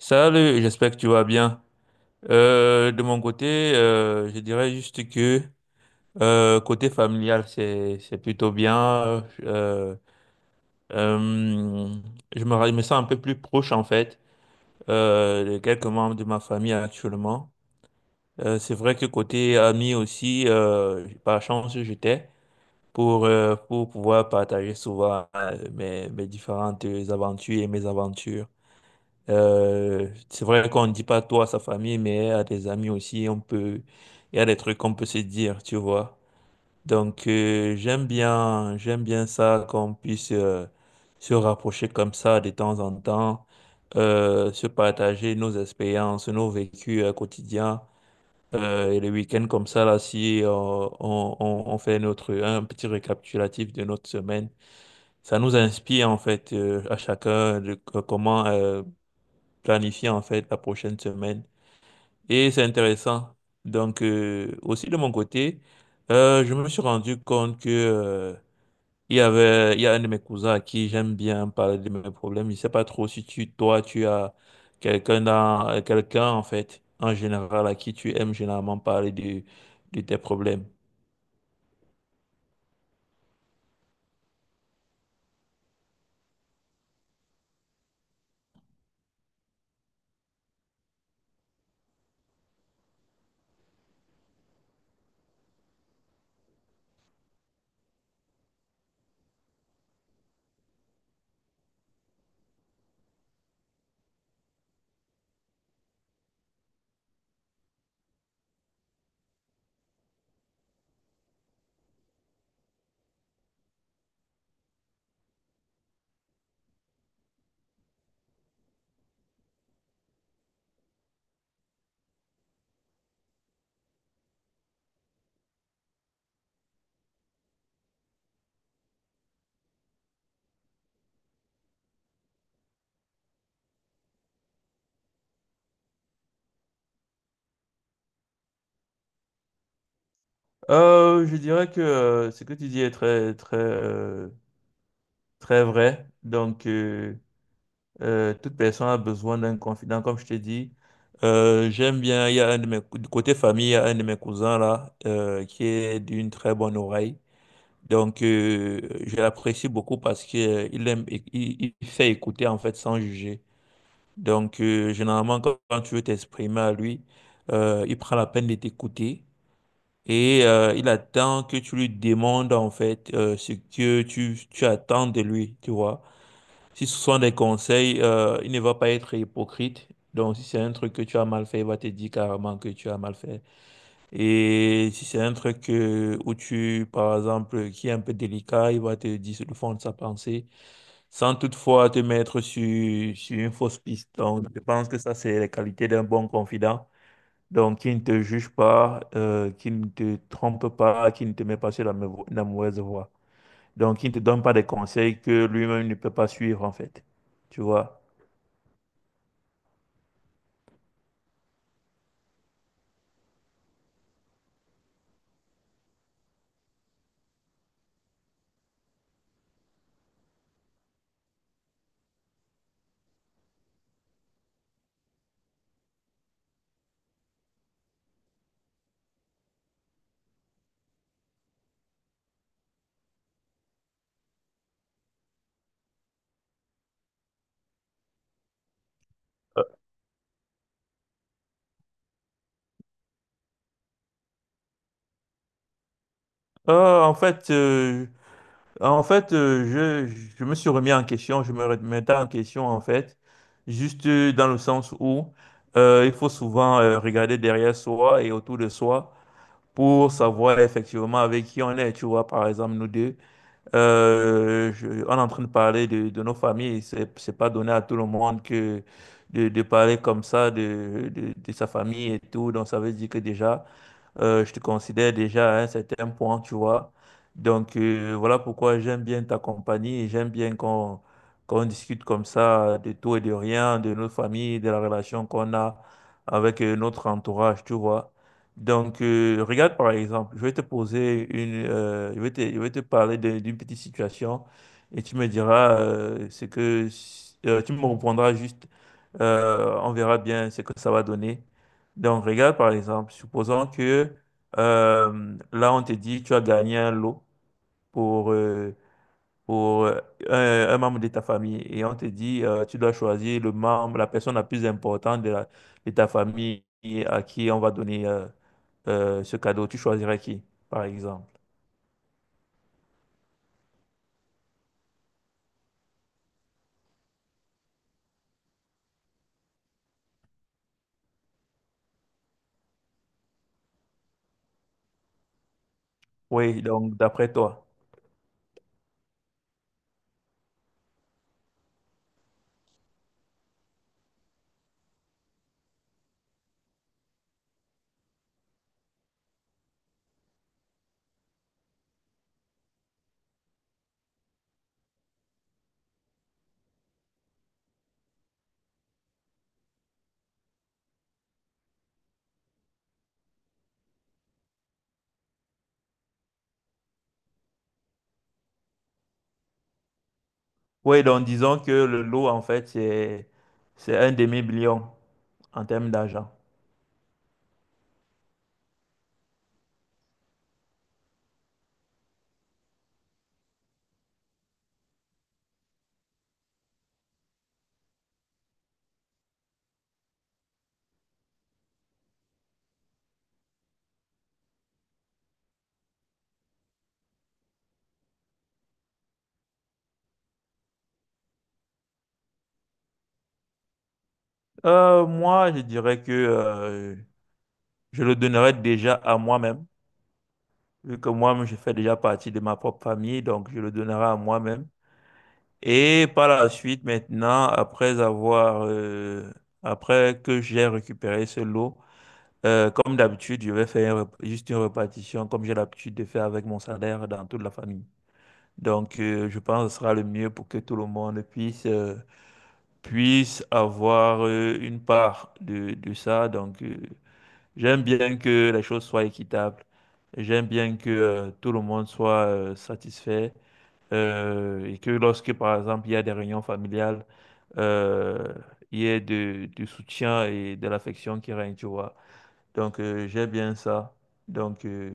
Salut, j'espère que tu vas bien. De mon côté, je dirais juste que côté familial, c'est plutôt bien. Euh, euh, je me, je me sens un peu plus proche en fait de quelques membres de ma famille actuellement. C'est vrai que côté amis aussi, par chance, j'étais pour pouvoir partager souvent mes différentes aventures et mes aventures. C'est vrai qu'on ne dit pas toi à sa famille, mais à des amis aussi, on peut, il y a des trucs qu'on peut se dire, tu vois. Donc, j'aime bien ça, qu'on puisse se rapprocher comme ça de temps en temps, se partager nos expériences, nos vécus quotidiens. Et les week-ends comme ça, là, si on fait notre, un petit récapitulatif de notre semaine, ça nous inspire en fait à chacun de, planifier en fait la prochaine semaine. Et c'est intéressant. Donc, aussi de mon côté, je me suis rendu compte que il y a un de mes cousins à qui j'aime bien parler de mes problèmes. Je ne sais pas trop si tu toi tu as quelqu'un dans quelqu'un en fait en général à qui tu aimes généralement parler de tes problèmes. Je dirais que ce que tu dis est très très très vrai. Donc, toute personne a besoin d'un confident, comme je t'ai dit. J'aime bien, il y a un de mes, du côté famille, il y a un de mes cousins là, qui est d'une très bonne oreille. Donc, je l'apprécie beaucoup parce qu'il il aime, il fait écouter en fait sans juger. Donc, généralement, quand tu veux t'exprimer à lui, il prend la peine de t'écouter et il attend que tu lui demandes en fait ce que tu attends de lui, tu vois. Si ce sont des conseils, il ne va pas être hypocrite. Donc, si c'est un truc que tu as mal fait, il va te dire carrément que tu as mal fait. Et si c'est un truc que où tu, par exemple, qui est un peu délicat, il va te dire le fond de sa pensée, sans toutefois te mettre sur une fausse piste. Donc, je pense que ça, c'est les qualités d'un bon confident. Donc, qui ne te juge pas, qui ne te trompe pas, qui ne te met pas sur la mauvaise voie. Donc, qui ne te donne pas des conseils que lui-même ne peut pas suivre, en fait. Tu vois? Euh, En fait, en fait je me suis remis en question, je me remettais en question en fait, juste dans le sens où il faut souvent regarder derrière soi et autour de soi pour savoir effectivement avec qui on est. Tu vois, par exemple, nous deux, on est en train de parler de nos familles. C'est pas donné à tout le monde que de parler comme ça de sa famille et tout. Donc, ça veut dire que déjà... Je te considère déjà à un certain point, tu vois. Donc, voilà pourquoi j'aime bien ta compagnie et j'aime bien qu'on discute comme ça de tout et de rien, de nos familles, de la relation qu'on a avec notre entourage, tu vois. Donc, regarde par exemple, je vais te poser une, je vais te parler d'une petite situation et tu me diras ce que, tu me répondras juste, on verra bien ce que ça va donner. Donc, regarde par exemple, supposons que là, on te dit tu as gagné un lot pour, pour euh, un membre de ta famille et on te dit tu dois choisir le membre, la personne la plus importante de ta famille et à qui on va donner ce cadeau. Tu choisirais qui, par exemple? Oui, donc d'après toi. Oui, donc disons que le lot, en fait, c'est un demi-million en termes d'argent. Moi, je dirais que je le donnerai déjà à moi-même, vu que moi-même, je fais déjà partie de ma propre famille, donc je le donnerai à moi-même. Et par la suite, maintenant, après que j'ai récupéré ce lot, comme d'habitude, je vais faire une juste une répartition, comme j'ai l'habitude de faire avec mon salaire dans toute la famille. Donc, je pense que ce sera le mieux pour que tout le monde puisse, puisse avoir une part de ça. Donc, j'aime bien que les choses soient équitables. J'aime bien que tout le monde soit satisfait et que lorsque, par exemple, il y a des réunions familiales, euh, il y ait du soutien et de l'affection qui règne, tu vois. Donc, j'aime bien ça. Donc,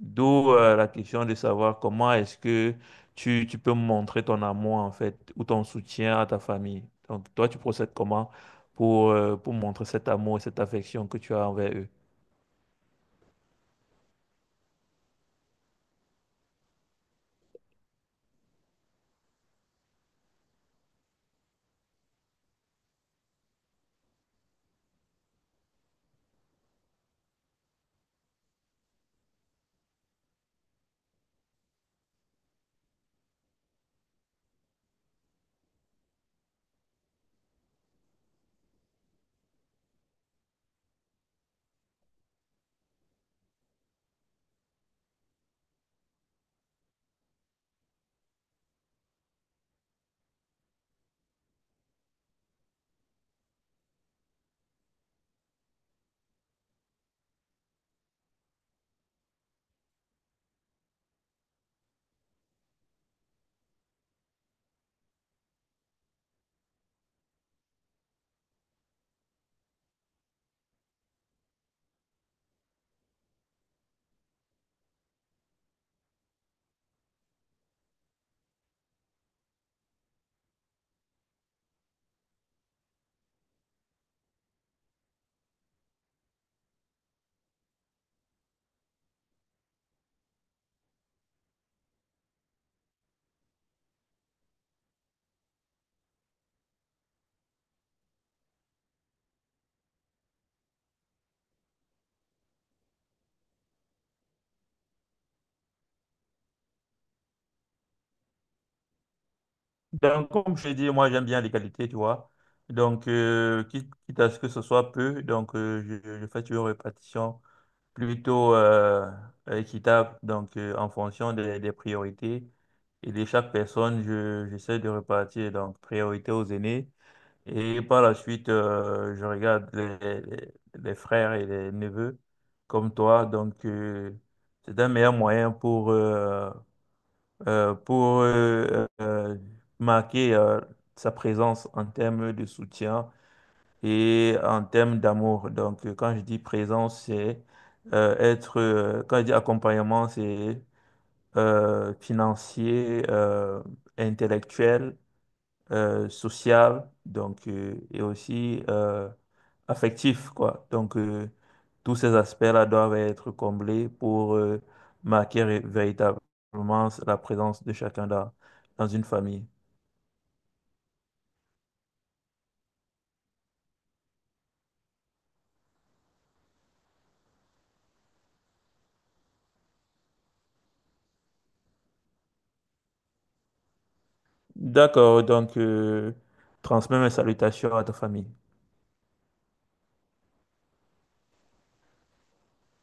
d'où la question de savoir comment est-ce que tu peux montrer ton amour, en fait, ou ton soutien à ta famille. Donc, toi, tu procèdes comment pour montrer cet amour et cette affection que tu as envers eux? Donc, comme je l'ai dit, moi, j'aime bien les qualités, tu vois. Donc, quitte à ce que ce soit peu, donc, je fais toujours une répartition plutôt équitable. Donc, en fonction des priorités et de chaque personne, j'essaie de répartir. Donc, priorité aux aînés. Et par la suite, je regarde les frères et les neveux comme toi. Donc, c'est un meilleur moyen pour, euh, pour euh, euh, marquer sa présence en termes de soutien et en termes d'amour. Donc, quand je dis présence, c'est être, quand je dis accompagnement, c'est financier, intellectuel social donc et aussi affectif quoi donc tous ces aspects-là doivent être comblés pour marquer véritablement la présence de chacun dans, une famille. D'accord, donc transmets mes salutations à ta famille.